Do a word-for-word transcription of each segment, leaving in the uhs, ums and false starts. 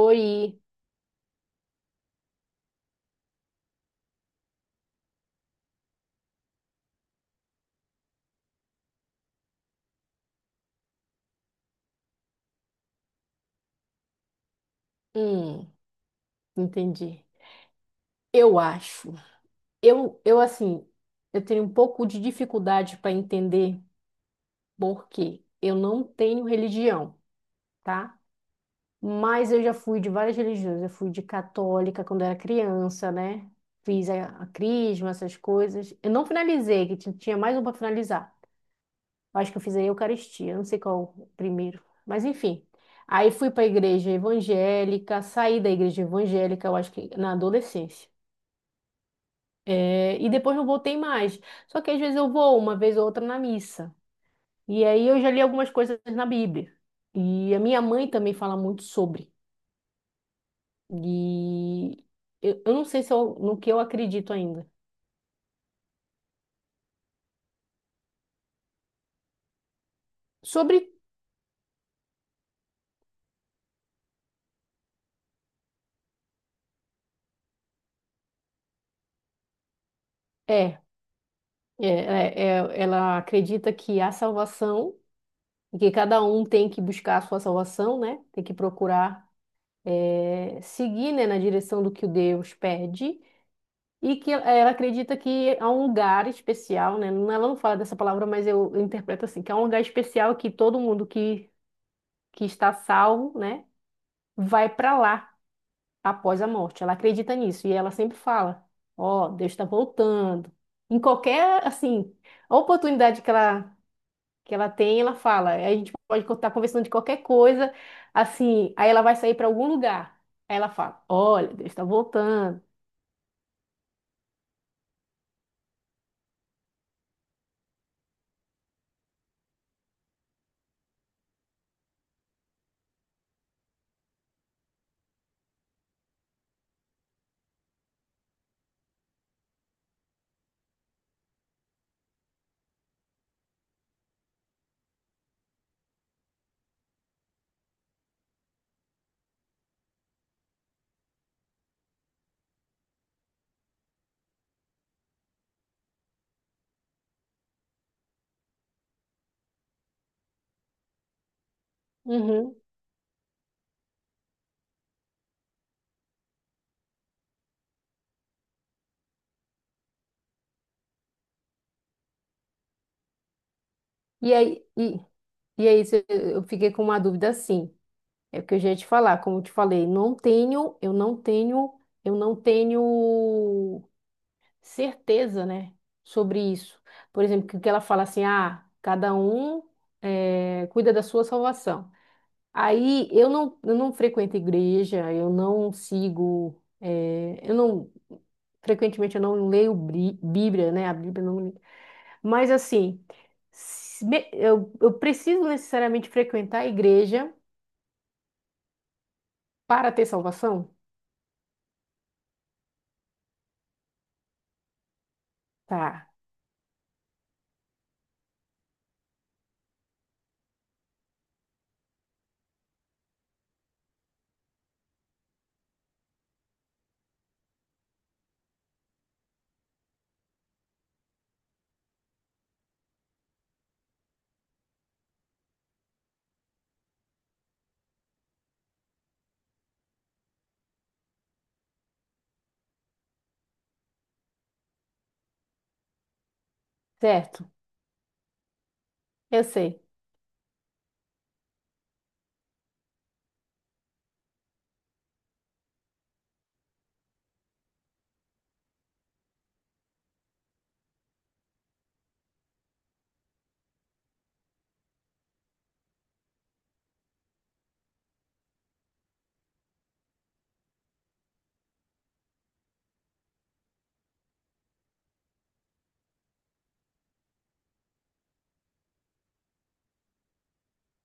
Oi, hum, entendi. Eu acho. Eu, eu assim, eu tenho um pouco de dificuldade para entender porque eu não tenho religião, tá? Mas eu já fui de várias religiões. Eu fui de católica quando era criança, né? Fiz a, a crisma, essas coisas. Eu não finalizei, que ti- tinha mais um para finalizar. Eu acho que eu fiz a Eucaristia, eu não sei qual o primeiro, mas enfim. Aí fui para a igreja evangélica, saí da igreja evangélica, eu acho que na adolescência. É, e depois não voltei mais. Só que às vezes eu vou uma vez ou outra na missa. E aí eu já li algumas coisas na Bíblia. E a minha mãe também fala muito sobre. E eu, eu não sei se eu- no que eu acredito ainda. Sobre. É, é, é, é, ela acredita que há salvação, e que cada um tem que buscar a sua salvação, né? Tem que procurar, é, seguir, né, na direção do que o Deus pede. E que ela acredita que há um lugar especial, né? Não- é, ela não fala dessa palavra, mas eu interpreto assim, que há um lugar especial que todo mundo que, que está salvo, né, vai para lá após a morte. Ela acredita nisso e ela sempre fala: "Ó, Deus está voltando". Em qualquer, assim, oportunidade que ela que ela tem, ela fala: "A gente pode estar conversando de qualquer coisa, assim, aí ela vai sair para algum lugar". Aí ela fala: "Olha, Deus está voltando". Uhum. E aí, e- E aí, se- eu fiquei com uma dúvida assim. É porque eu já ia te falar, como eu te falei, não tenho, eu não tenho, eu não tenho certeza, né, sobre isso. Por exemplo, que que ela fala assim, ah, cada um eh, cuida da sua salvação. Aí eu não, eu não frequento igreja, eu não sigo, eh, eu não, frequentemente eu não leio bri- Bíblia, né? A Bíblia não, mas assim, se me- eu, eu preciso necessariamente frequentar a igreja para ter salvação? Tá, certo? Eu sei.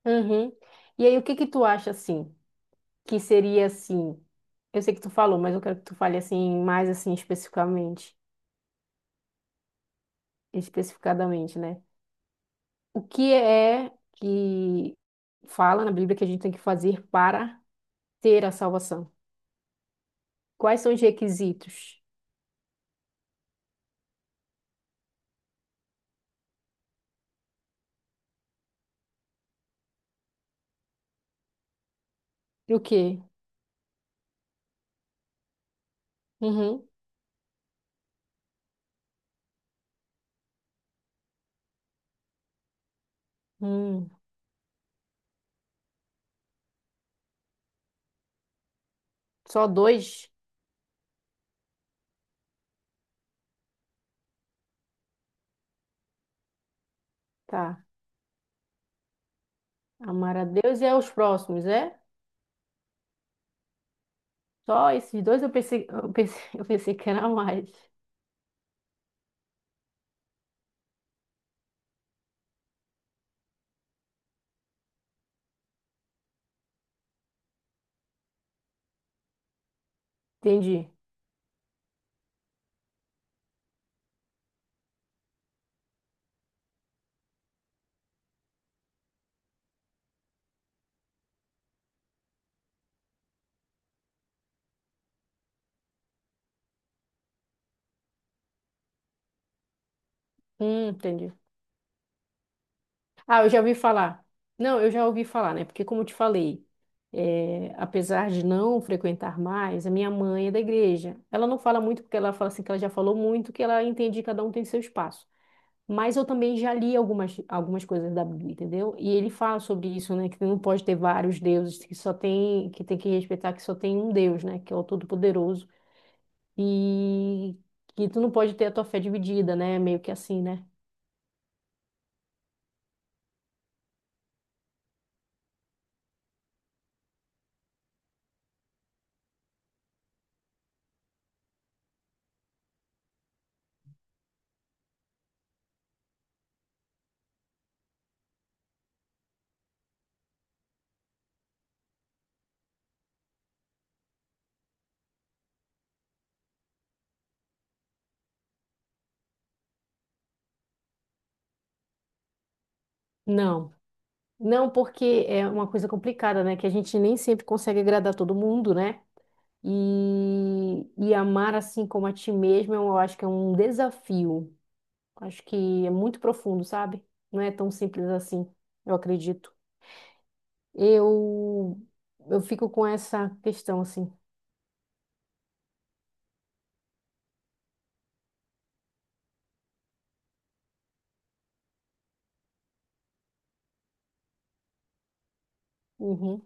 Uhum. E aí, o que que tu acha assim? Que seria assim? Eu sei que tu falou, mas eu quero que tu fale assim mais assim especificamente, especificadamente, né? O que é que fala na Bíblia que a gente tem que fazer para ter a salvação? Quais são os requisitos? E o quê? Uhum. Hum. Só dois? Tá. Amar a Deus e aos próximos, é? Só esses dois eu pensei, eu pensei, eu pensei que era mais. Entendi. Hum, entendi. Ah, eu já ouvi falar. Não, eu já ouvi falar, né? Porque como eu te falei, é, apesar de não frequentar mais, a minha mãe é da igreja. Ela não fala muito porque ela fala assim que ela já falou muito, que ela entende que cada um tem seu espaço. Mas eu também já li algumas, algumas coisas da Bíblia, entendeu? E ele fala sobre isso, né? Que não pode ter vários deuses, que só tem, que tem que respeitar que só tem um Deus, né? Que é o Todo-Poderoso e que tu não pode ter a tua fé dividida, né? Meio que assim, né? Não. Não, porque é uma coisa complicada, né? Que a gente nem sempre consegue agradar todo mundo, né? E, e amar assim como a ti mesmo, eu acho que é um desafio. Acho que é muito profundo, sabe? Não é tão simples assim, eu acredito. Eu, eu fico com essa questão, assim. Uhum.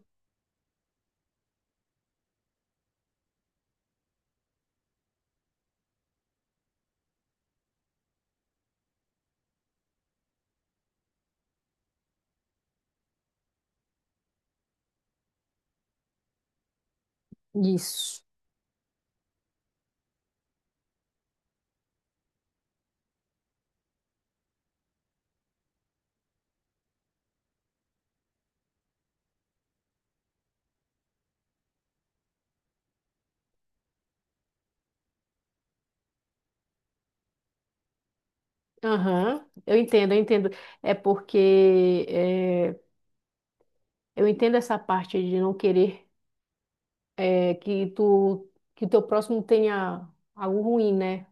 Isso. Aham. Eu entendo, eu entendo. É porque... eh, eu entendo essa parte de não querer é, que tu que teu próximo tenha algo ruim, né?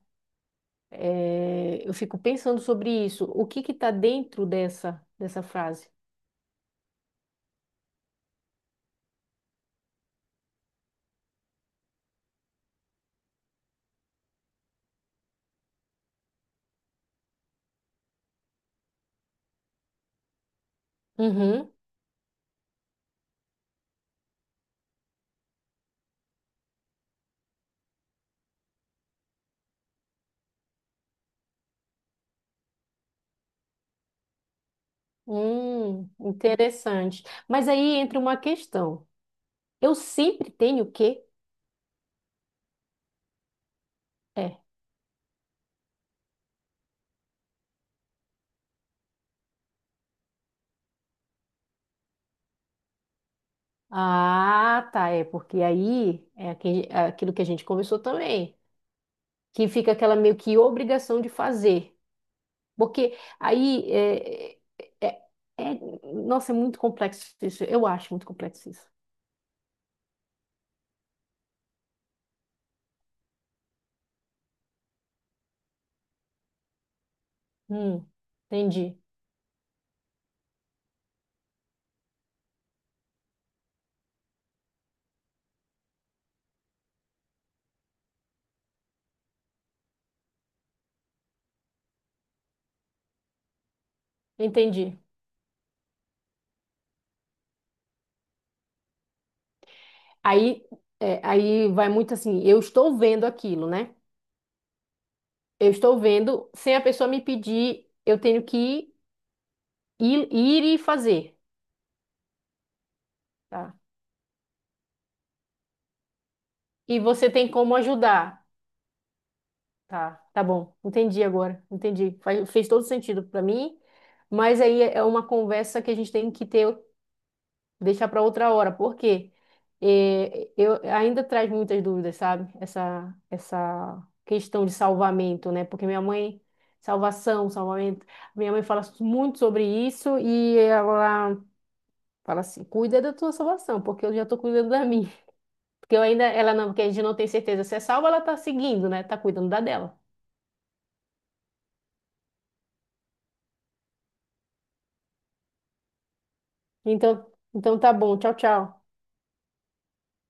É, eu fico pensando sobre isso. O que que tá dentro dessa dessa frase? Uhum. Hum, interessante. Mas aí entra uma questão. Eu sempre tenho o quê? É. Ah, tá. É porque aí é aque- é aquilo que a gente conversou também, que fica aquela meio que obrigação de fazer. Porque aí é, é- é- é, nossa, é muito complexo isso. Eu acho muito complexo isso. Hum, entendi, entendi. Aí, é, aí vai muito assim, eu estou vendo aquilo, né? Eu estou vendo, sem a pessoa me pedir, eu tenho que ir, ir ir e fazer, tá? E você tem como ajudar, tá? Tá bom, entendi agora, entendi. Faz- fez todo sentido para mim, mas aí é uma conversa que a gente tem que ter deixar para outra hora, porque eh, eu ainda traz muitas dúvidas, sabe? Essa essa questão de salvamento, né? Porque minha mãe salvação, salvamento, minha mãe fala muito sobre isso e ela fala assim, cuida da tua salvação, porque eu já tô cuidando da minha, porque eu ainda ela não, porque a gente não tem certeza se é salva, ela tá seguindo, né? Tá cuidando da dela. Então, então tá bom, tchau, tchau.